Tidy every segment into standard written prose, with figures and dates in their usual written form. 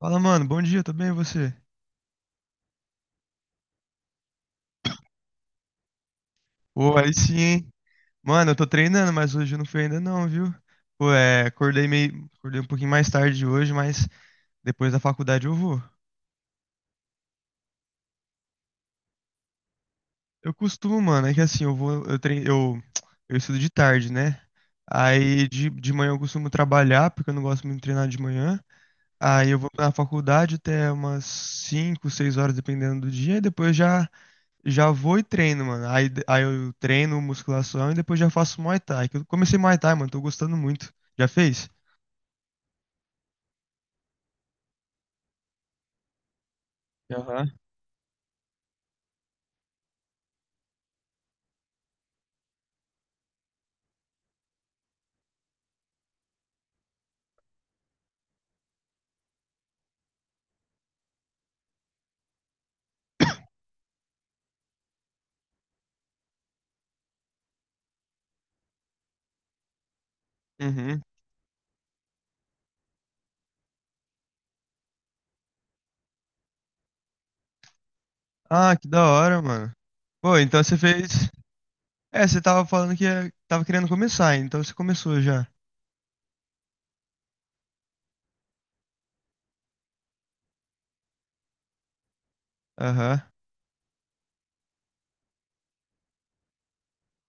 Fala, mano, bom dia, tudo bem e você? Pô, aí sim, hein? Mano, eu tô treinando, mas hoje eu não fui ainda não, viu? Pô, é, acordei um pouquinho mais tarde hoje, mas depois da faculdade eu vou. Eu costumo, mano, é que assim, eu vou, eu treino, eu estudo de tarde, né? Aí de manhã eu costumo trabalhar, porque eu não gosto muito de treinar de manhã. Aí eu vou na faculdade até umas 5, 6 horas, dependendo do dia, e depois já já vou e treino, mano. Aí eu treino musculação e depois já faço Muay Thai. Que eu comecei Muay Thai, mano. Tô gostando muito. Já fez? Aham. Uhum. Ah, que da hora, mano. Pô, então você fez. É, você tava falando que tava querendo começar, então você começou já. Aham.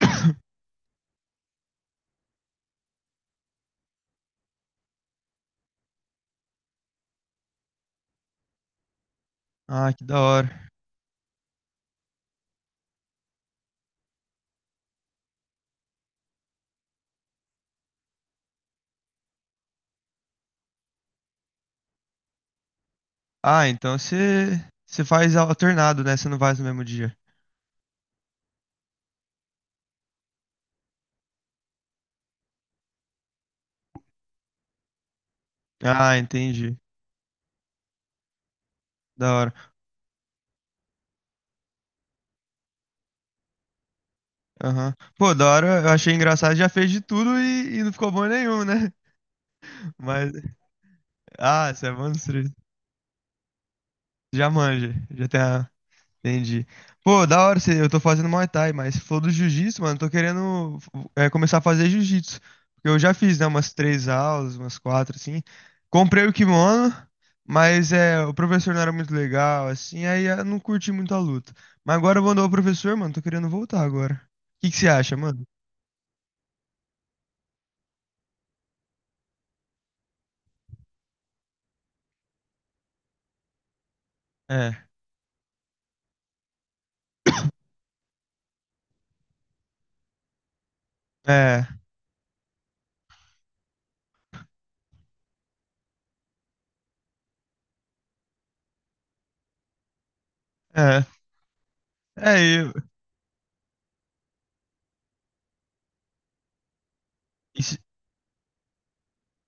Ah, que da hora. Ah, então você você faz alternado, né? Você não faz no mesmo dia. Ah, entendi. Da hora. Aham. Pô, da hora, eu achei engraçado, já fez de tudo e não ficou bom nenhum, né? Mas. Ah, você é monstro. Já manja, já tem a... Entendi. Pô, da hora, você- eu tô fazendo Muay Thai, mas se for do Jiu-Jitsu, mano, eu tô querendo começar a fazer Jiu-Jitsu. Porque eu já fiz, né, umas três aulas, umas quatro, assim. Comprei o kimono, mas é, o professor não era muito legal, assim, aí eu não curti muito a luta. Mas agora eu vou andar o professor, mano, tô querendo voltar agora. O que que você acha, mano? É, é, é. É, eu... isso-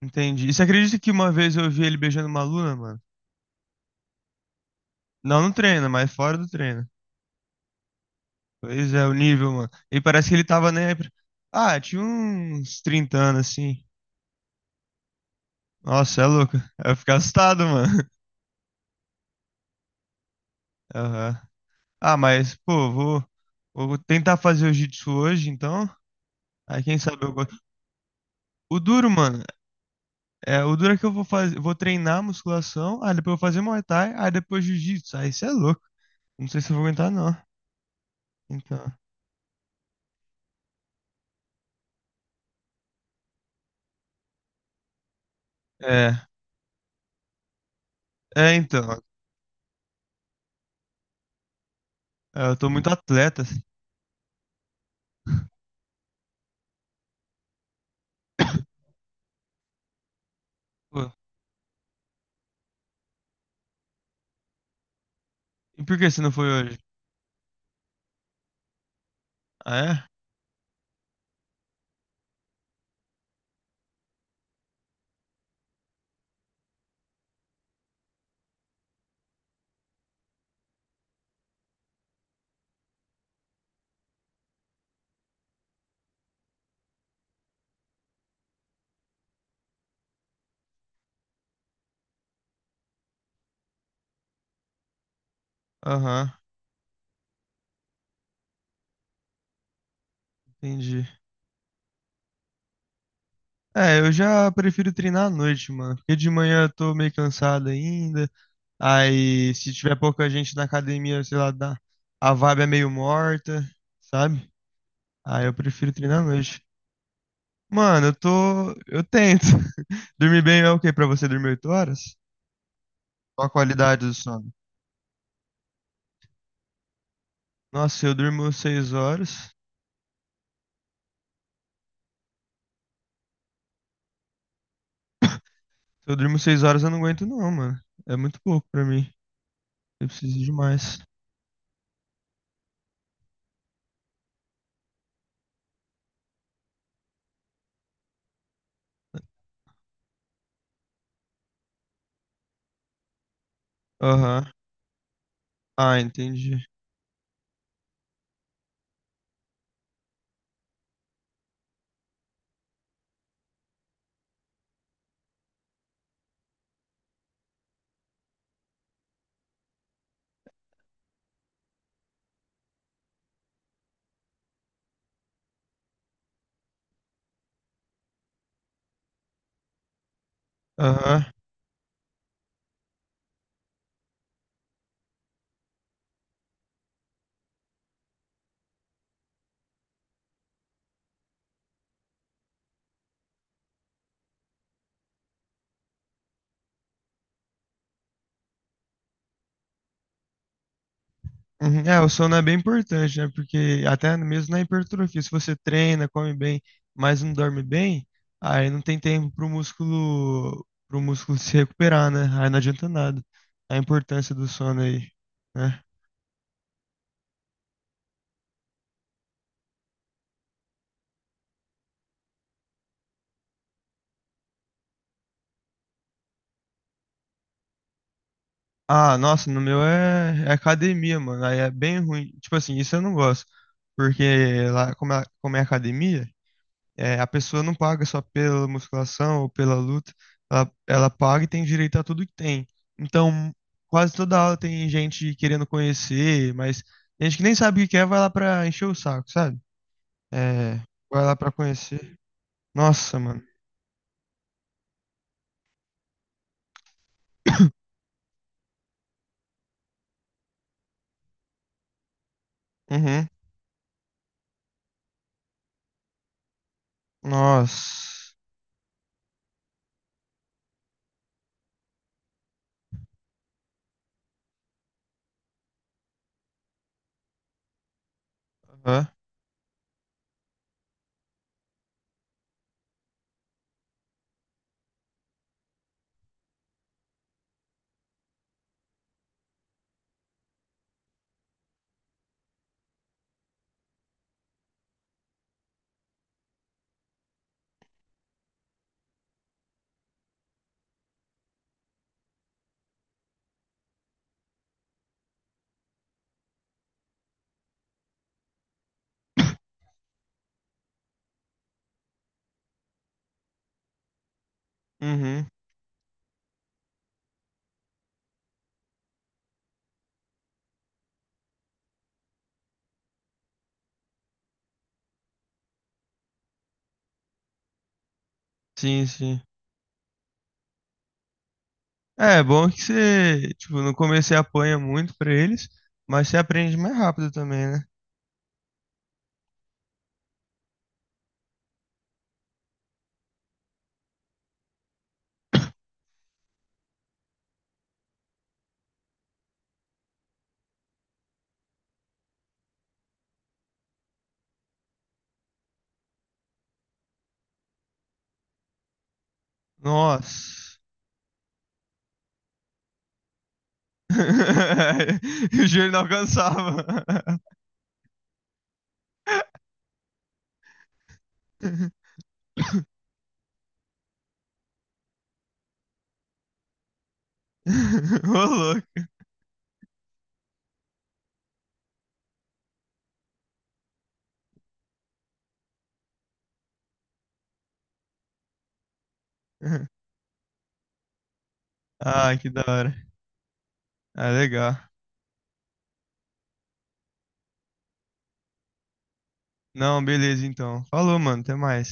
Entendi. E você acredita que uma vez eu vi ele beijando uma aluna, mano? Não no treino, mas fora do treino. Pois é, o nível, mano. E parece que ele tava nem aí pra... Ah, tinha uns 30 anos, assim. Nossa, é louco. Eu fico assustado, mano. Aham. Ah, mas, pô, vou tentar fazer o jiu-jitsu hoje, então. Aí, quem sabe eu gosto. O duro, mano, o duro é que eu vou fazer, vou treinar musculação, aí depois eu vou fazer Muay Thai, aí depois jiu-jitsu. Aí, isso é louco. Não sei se eu vou aguentar, não. Então, é. É, então. É, eu tô muito atleta, assim. Pô, e por que você não foi hoje? Ah, é? Aham, entendi. É, eu já prefiro treinar à noite, mano, porque de manhã eu tô meio cansado ainda. Aí, se tiver pouca gente na academia, sei lá, dá, a vibe é meio morta, sabe? Aí eu prefiro treinar à noite. Mano, eu tento. Dormir bem é o quê pra você dormir 8 horas? Qual a qualidade do sono? Nossa, se eu durmo 6 horas. Se eu durmo 6 horas, eu não aguento não, mano. É muito pouco pra mim. Eu preciso de mais. Aham. Ah, entendi. Aham. Uhum. É, o sono é bem importante, né? Porque até mesmo na hipertrofia, se você treina, come bem, mas não dorme bem, aí não tem tempo pro músculo se recuperar, né? Aí não adianta nada. A importância do sono aí, né? Ah, nossa, no meu é, é academia, mano. Aí é bem ruim. Tipo assim, isso eu não gosto. Porque lá, como é academia, é, a pessoa não paga só pela musculação ou pela luta, ela paga e tem direito a tudo que tem. Então, quase toda aula tem gente querendo conhecer, mas gente que nem sabe o que quer vai lá pra encher o saco, sabe? É, vai lá pra conhecer. Nossa, mano. Uhum. Nossa. Aham. Uhum. Sim, sim. É, é bom que você, tipo, no começo você apanha muito pra eles, mas você aprende mais rápido também, né? Nossa. e o joelho não alcançava. Ô, louco. Ah, que da hora. Ah, legal. Não, beleza então. Falou, mano. Até mais.